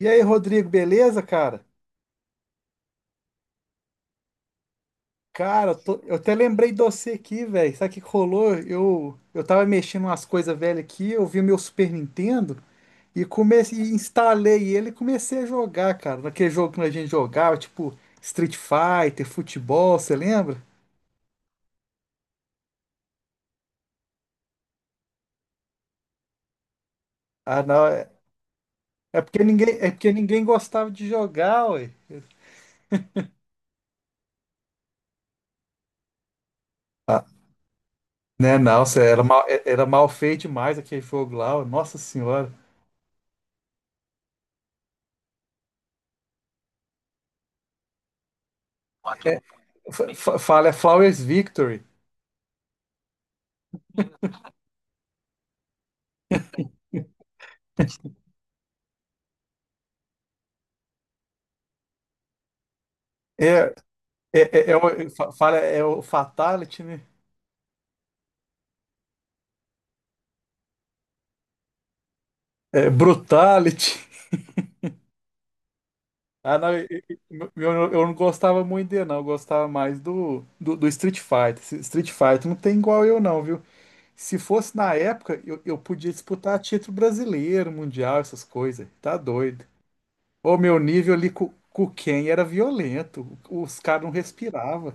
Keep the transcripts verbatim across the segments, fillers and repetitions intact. E aí, Rodrigo, beleza, cara? Cara, eu, tô- eu até lembrei de você aqui, velho. Sabe o que que rolou? Eu, eu tava mexendo umas coisas velhas aqui, eu vi o meu Super Nintendo e comecei, e instalei ele e comecei a jogar, cara. Naquele jogo que a gente jogava, tipo Street Fighter, futebol, você lembra? Ah, não, é, é porque ninguém, é porque ninguém gostava de jogar, ué. Ah, né, não, cê era mal, é- era mal feito demais aquele jogo lá, ó, nossa senhora. É, fa- fa- fala, é Flowers Victory. É, É, é, é, o, fa- fala, é o Fatality, né? É Brutality. Ah, não, eu, eu- eu- eu não gostava muito dele, não. Eu gostava mais do, do, do Street Fighter. Esse Street Fighter não tem igual eu, não, viu? Se fosse na época, eu, eu podia disputar título brasileiro, mundial, essas coisas. Tá doido. O meu nível ali com, com quem era violento. Os caras não respiravam.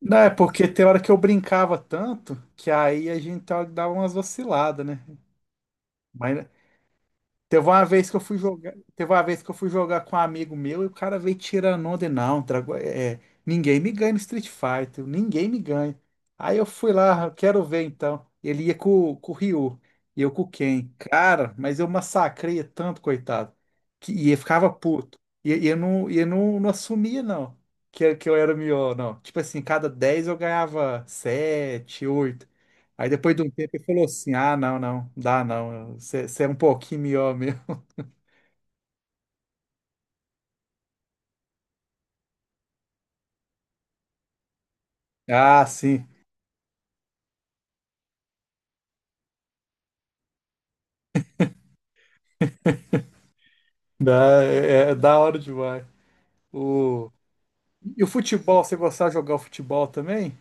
Não, é porque tem hora que eu brincava tanto que aí a gente tava- dava umas vaciladas, né? Mas teve uma vez que eu fui jogar, teve uma vez que eu fui jogar com um amigo meu e o cara veio tirando onda e não, Drago- é, é, ninguém me ganha no Street Fighter, ninguém me ganha. Aí eu fui lá, "Ah, quero ver então." Ele ia com, com o Ryu e eu com o Ken. Cara, mas eu massacrei tanto, coitado, que e ele ficava puto. E, e eu não, e eu não, não assumia não, que, que eu era o melhor, não. Tipo assim, cada dez eu ganhava sete, oito. Aí depois de um tempo ele falou assim: "Ah, não, não, dá não, você é um pouquinho melhor." Ah, sim. Dá, é, é da hora demais. O... E o futebol, você gostava de jogar o futebol também?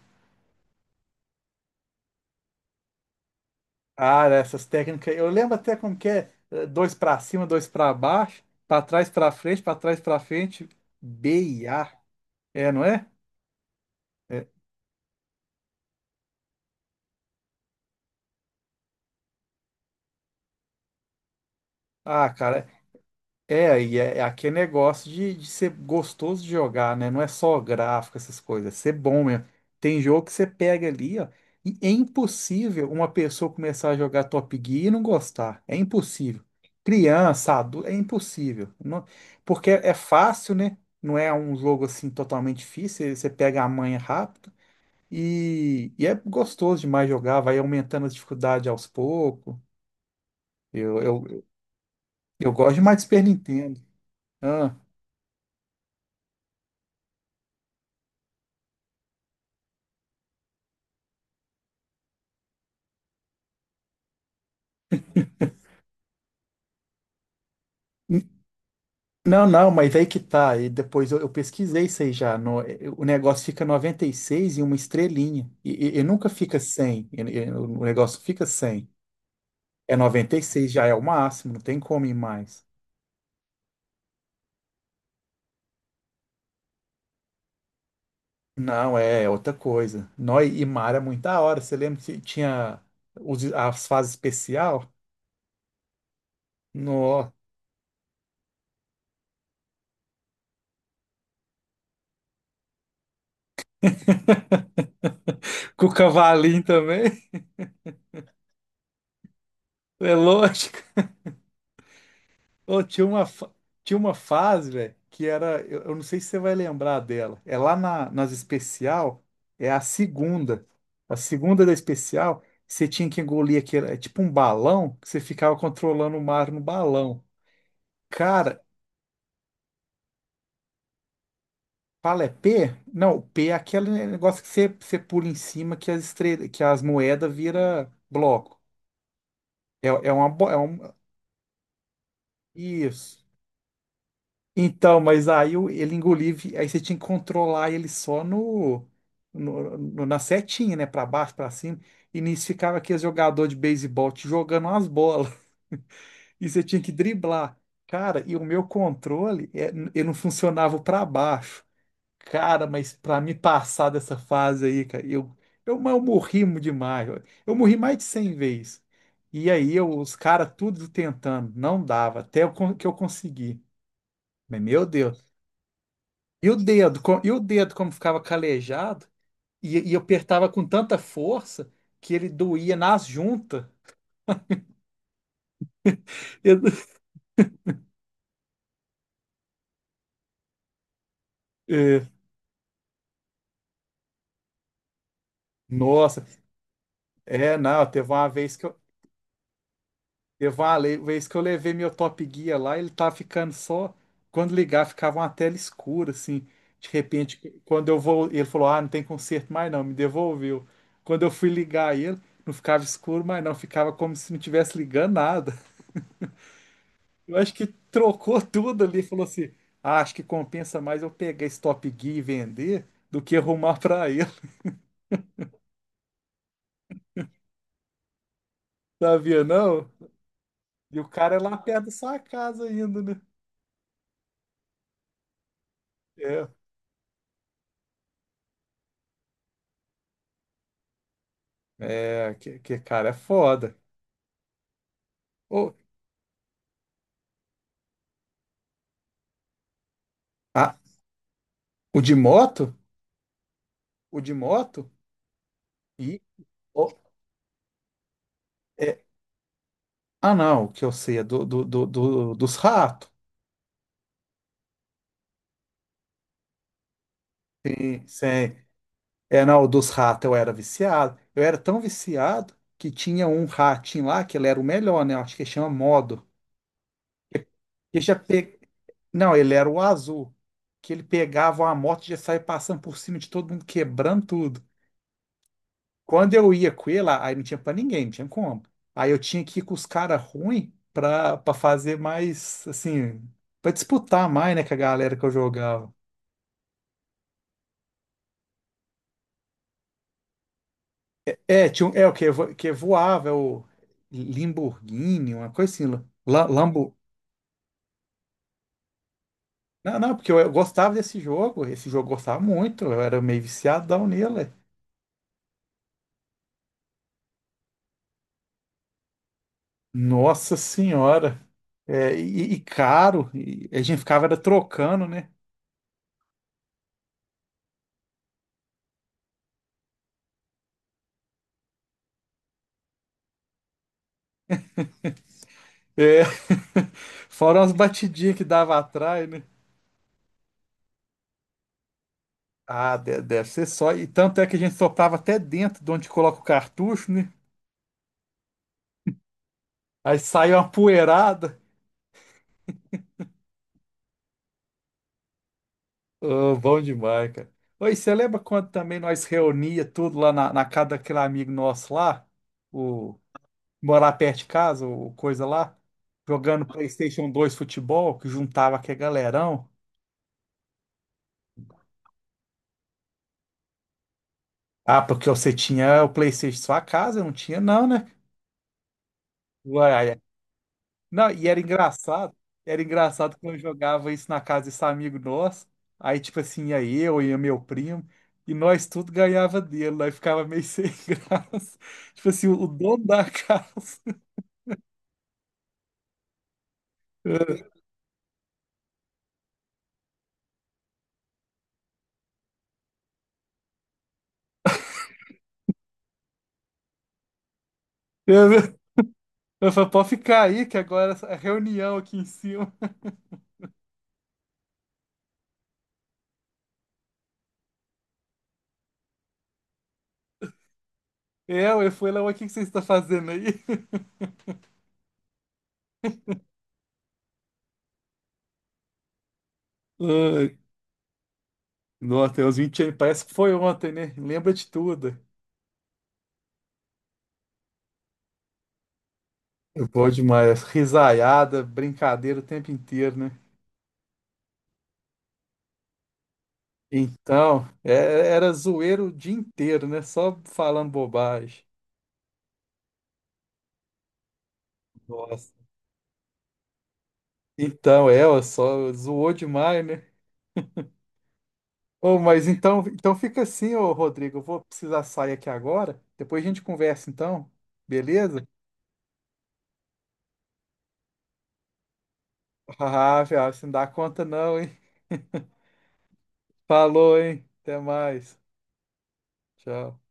Ah, essas técnicas. Eu lembro até como que é eh, dois pra cima, dois pra baixo, pra trás, pra frente, pra trás, pra frente. B e A. É, não é? É. Ah, cara. É, e é, aqui é negócio de, de ser gostoso de jogar, né? Não é só gráfico, essas coisas, é ser bom mesmo. Tem jogo que você pega ali, ó, e é impossível uma pessoa começar a jogar Top Gear e não gostar. É impossível. Criança, adulto, é impossível. Não- porque é é fácil, né? Não é um jogo assim totalmente difícil, você pega a manha rápido e, e é gostoso demais jogar, vai aumentando as dificuldades aos poucos. Eu, eu, eu gosto demais de Super Nintendo. Ah. Não, não, mas aí que tá. E depois eu, eu pesquisei isso aí já. No- eh, o negócio fica noventa e seis e uma estrelinha. E, e- e nunca fica cem. E- e o negócio fica cem. É, noventa e seis já é o máximo, não tem como ir mais. Não, é, é outra coisa. Nó, e e mar é muito da hora. Você lembra que tinha os- as fases especial? No, com o cavalinho também. É louco. Ô, tinha uma, fa- tinha uma fase, velho, que era. Eu, eu não sei se você vai lembrar dela. É lá na- nas especial, é a segunda. A segunda da especial, você tinha que engolir aquele. É tipo um balão, que você ficava controlando o mar no balão. Cara, fala é P? Não, P é aquele negócio que você, você pula em cima que as estrelas, que as moedas vira bloco. É, é uma. bo- É um, isso. Então, mas aí o- ele engoliu, vi- aí você tinha que controlar ele só no, no- no- na setinha, né? Pra baixo, pra cima. E nisso ficava aquele jogador de beisebol te jogando umas bolas. E você tinha que driblar. Cara, e o meu controle, é, n- eu não funcionava pra baixo. Cara, mas pra me passar dessa fase aí, cara, eu, eu, mas eu morri demais, ó. Eu morri mais de cem vezes. E aí eu- os caras tudo tentando, não dava, até eu con- que eu consegui. Mas, meu Deus. E o dedo, co- e o dedo como ficava calejado, e, e eu apertava com tanta força que ele doía nas juntas. Eu- é, nossa, é, não, teve uma vez que eu, teve uma le- vez que eu levei meu Top Gear lá, ele tava ficando só, quando ligar ficava uma tela escura, assim, de repente, quando eu vou, ele falou, ah, não tem conserto mais não, me devolveu. Quando eu fui ligar ele, não ficava escuro mais não, ficava como se não tivesse ligando nada. Eu acho que trocou tudo ali, falou assim: "Ah, acho que compensa mais eu pegar esse Top Gear e vender do que arrumar pra ele." Sabia não? E o cara é lá perto da sua casa ainda, né? É, é, que, que cara é foda. Ô, ah, o de moto? O de moto? E, ô, é, ah, não, o que eu sei é do, do, do, do- dos ratos. Sim, sim. É, não, dos ratos eu era viciado. Eu era tão viciado que tinha um ratinho lá que ele era o melhor, né? Eu acho que chama Modo. Ele já pe... Não, ele era o azul, que ele pegava uma moto e já saía passando por cima de todo mundo, quebrando tudo. Quando eu ia com ele, aí não tinha pra ninguém, não tinha como. Aí eu tinha que ir com os caras ruins pra, pra fazer mais, assim, pra disputar mais, né, com a galera que eu jogava. É, tinha, um- é o que, vo- que voava, é o Lamborghini, uma coisa assim, la- Lambo. Não, não, porque eu, eu gostava desse jogo, esse jogo eu gostava muito, eu era meio viciadão nele. Nossa senhora. É, e, e caro. E a gente ficava era trocando, né? É. Fora umas batidinhas que dava atrás, né? Ah, de- deve ser só. E tanto é que a gente soprava até dentro de onde coloca o cartucho, né? Aí saiu uma poeirada. Ô, bom demais, cara. Oi, você lembra quando também nós reunia tudo lá na, na casa daquele amigo nosso lá? O morar perto de casa, o coisa lá? Jogando PlayStation dois futebol, que juntava aquele galerão. Ah, porque você tinha o PlayStation em sua casa, eu não tinha, não, né? Uai, ai. Não, e era engraçado. Era engraçado quando eu jogava isso na casa desse amigo nosso. Aí, tipo assim, ia eu e meu primo, e nós tudo ganhava dele. Nós ficava meio sem graça. Tipo assim, o dono da casa. É, Eu, eu falei, pode ficar aí, que agora é reunião aqui em cima. Eu, eu fui lá, "Ué, o que que você está fazendo aí?" Ai, nossa, tem uns vinte anos, parece que foi ontem, né? Lembra de tudo. É bom demais. Risaiada, brincadeira o tempo inteiro, né? Então, é- era zoeiro o dia inteiro, né? Só falando bobagem. Nossa. Então, é, ó, só zoou demais, né? Oh, mas então, então fica assim, ô Rodrigo. Eu vou precisar sair aqui agora. Depois a gente conversa, então. Beleza? Ah, velho, você não dá conta não, hein? Falou, hein? Até mais. Tchau.